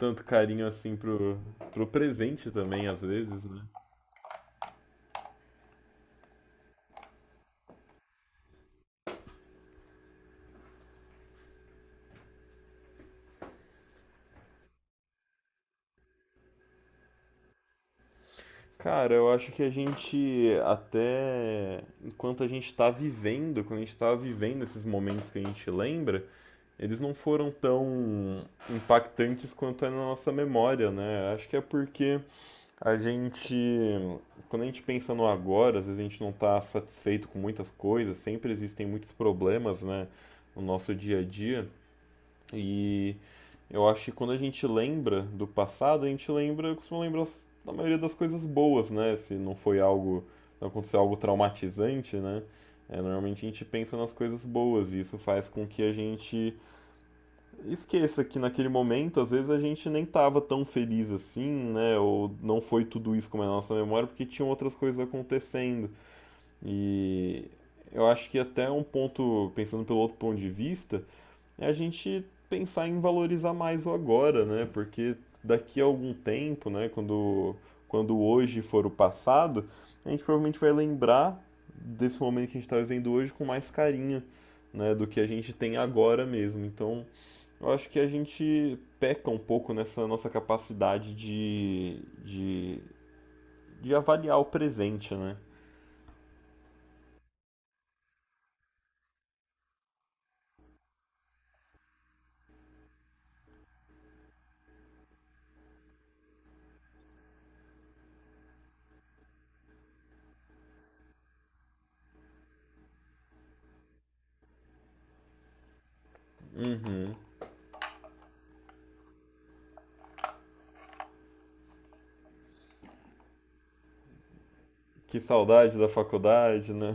Tanto carinho assim pro presente também, às vezes, né? Cara, eu acho que a gente, até enquanto a gente tá vivendo, quando a gente tá vivendo esses momentos que a gente lembra, eles não foram tão impactantes quanto é na nossa memória, né? Acho que é porque a gente, quando a gente pensa no agora, às vezes a gente não tá satisfeito com muitas coisas, sempre existem muitos problemas, né, no nosso dia a dia. E eu acho que quando a gente lembra do passado, a gente lembra, costuma lembrar da maioria das coisas boas, né? Se não foi algo, não aconteceu algo traumatizante, né? É, normalmente a gente pensa nas coisas boas e isso faz com que a gente esqueça que naquele momento, às vezes, a gente nem estava tão feliz assim, né? Ou não foi tudo isso como é a nossa memória, porque tinham outras coisas acontecendo. E eu acho que até um ponto, pensando pelo outro ponto de vista, é a gente pensar em valorizar mais o agora, né? Porque daqui a algum tempo, né, quando hoje for o passado, a gente provavelmente vai lembrar desse momento que a gente está vivendo hoje com mais carinho, né, do que a gente tem agora mesmo. Então, eu acho que a gente peca um pouco nessa nossa capacidade de avaliar o presente, né? Que saudade da faculdade, né?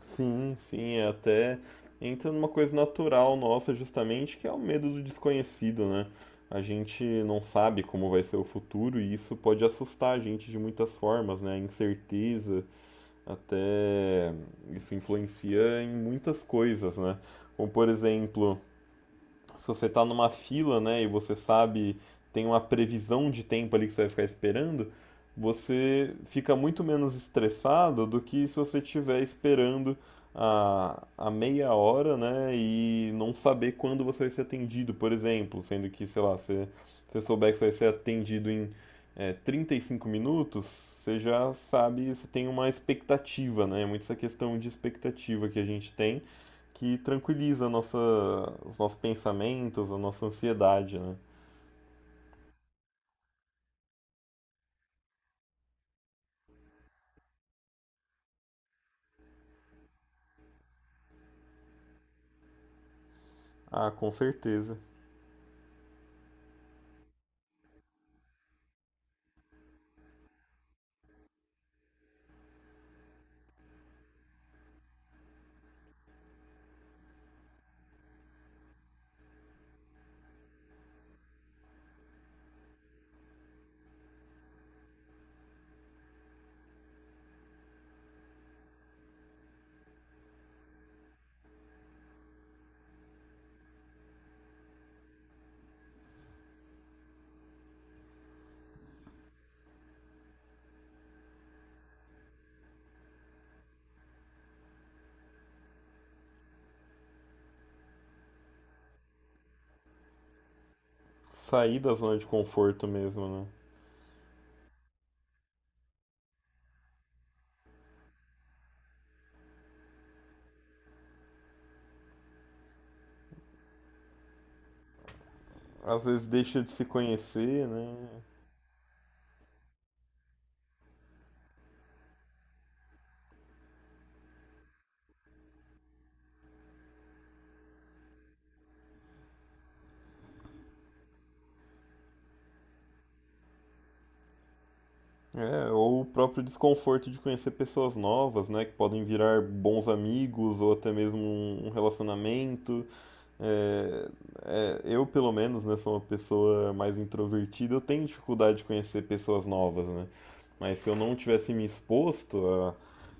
Sim, sim, é até entra numa coisa natural nossa, justamente, que é o medo do desconhecido, né? A gente não sabe como vai ser o futuro e isso pode assustar a gente de muitas formas, né? A incerteza, até isso influencia em muitas coisas, né? Como, por exemplo, se você está numa fila, né, e você sabe, tem uma previsão de tempo ali que você vai ficar esperando, você fica muito menos estressado do que se você estiver esperando a meia hora, né, e não saber quando você vai ser atendido, por exemplo, sendo que, sei lá, você, você souber que você vai ser atendido em 35 minutos, você já sabe, você tem uma expectativa, né. É muito essa questão de expectativa que a gente tem que tranquiliza a nossa, os nossos pensamentos, a nossa ansiedade, né? Ah, com certeza. Sair da zona de conforto mesmo, né? Às vezes deixa de se conhecer, né? É, ou o próprio desconforto de conhecer pessoas novas, né? Que podem virar bons amigos ou até mesmo um relacionamento. É, eu, pelo menos, né, sou uma pessoa mais introvertida, eu tenho dificuldade de conhecer pessoas novas, né? Mas se eu não tivesse me exposto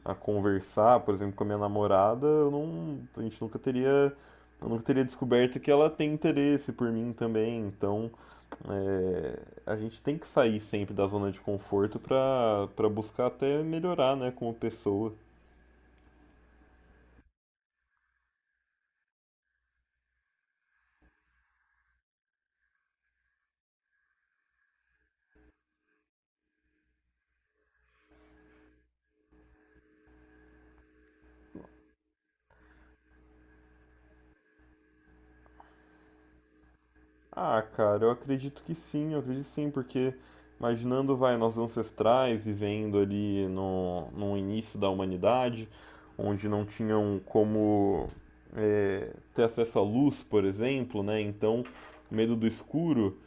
a conversar, por exemplo, com a minha namorada, eu não, a gente nunca teria, eu nunca teria descoberto que ela tem interesse por mim também. Então, é, a gente tem que sair sempre da zona de conforto para buscar até melhorar, né, como pessoa. Ah, cara, eu acredito que sim, eu acredito que sim, porque imaginando, vai, nossos ancestrais vivendo ali no início da humanidade, onde não tinham como ter acesso à luz, por exemplo, né? Então, o medo do escuro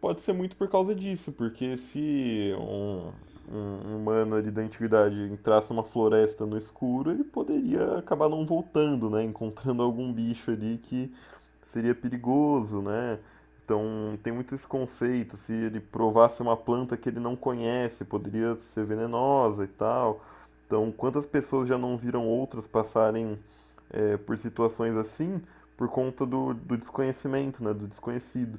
pode ser muito por causa disso, porque se um, um humano ali da antiguidade entrasse numa floresta no escuro, ele poderia acabar não voltando, né? Encontrando algum bicho ali que seria perigoso, né? Então tem muito esse conceito, se ele provasse uma planta que ele não conhece, poderia ser venenosa e tal. Então, quantas pessoas já não viram outras passarem por situações assim por conta do desconhecimento, né, do desconhecido.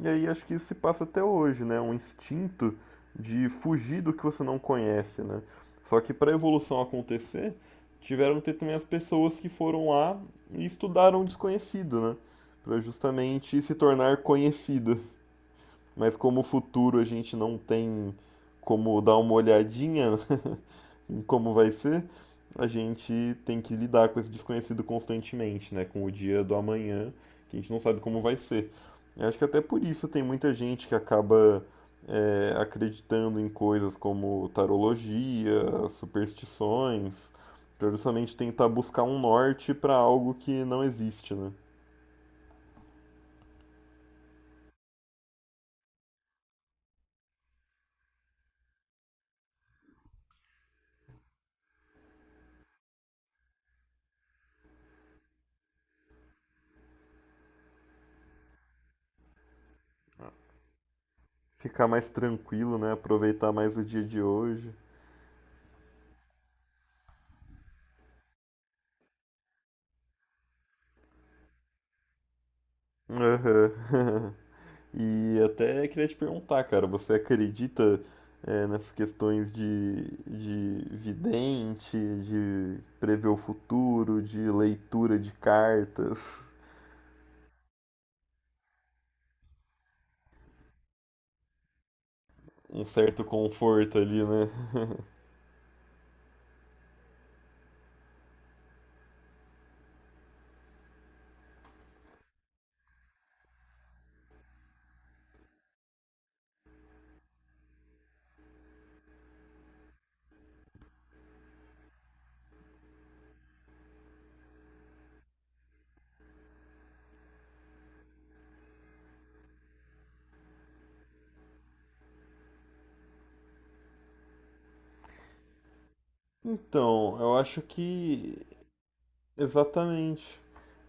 E aí acho que isso se passa até hoje, né, um instinto de fugir do que você não conhece, né. Só que para a evolução acontecer, tiveram que ter também as pessoas que foram lá e estudaram o desconhecido, né, para justamente se tornar conhecido. Mas como o futuro a gente não tem como dar uma olhadinha, em como vai ser, a gente tem que lidar com esse desconhecido constantemente, né? Com o dia do amanhã, que a gente não sabe como vai ser. Eu acho que até por isso tem muita gente que acaba acreditando em coisas como tarologia, superstições, pra justamente tentar buscar um norte para algo que não existe, né? Ficar mais tranquilo, né? Aproveitar mais o dia de hoje. Aham. E até queria te perguntar, cara, você acredita nessas questões de vidente, de prever o futuro, de leitura de cartas? Um certo conforto ali, né? Então, eu acho que. Exatamente.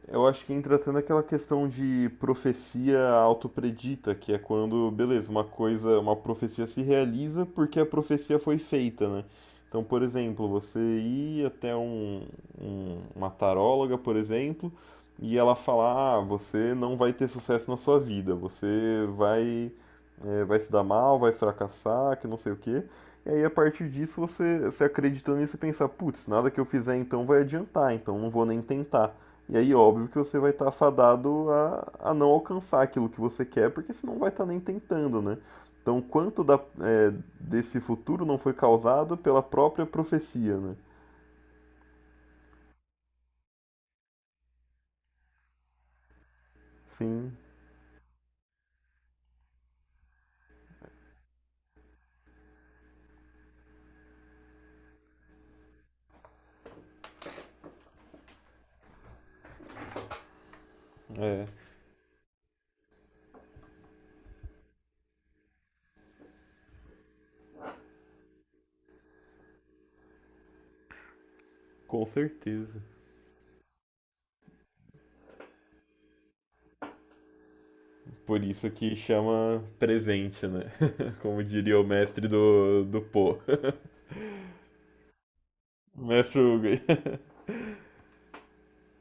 Eu acho que entra até naquela questão de profecia autopredita, que é quando, beleza, uma coisa, uma profecia se realiza porque a profecia foi feita, né? Então, por exemplo, você ir até um, uma taróloga, por exemplo, e ela falar, ah, você não vai ter sucesso na sua vida, você vai, vai se dar mal, vai fracassar, que não sei o quê. E aí, a partir disso, você, você acreditando nisso e pensar, putz, nada que eu fizer então vai adiantar, então não vou nem tentar. E aí, óbvio que você vai estar fadado a não alcançar aquilo que você quer, porque você não vai estar nem tentando, né? Então, quanto desse futuro não foi causado pela própria profecia, né? Sim, é, com certeza. Por isso que chama presente, né? Como diria o mestre do pô Mestre Hugo.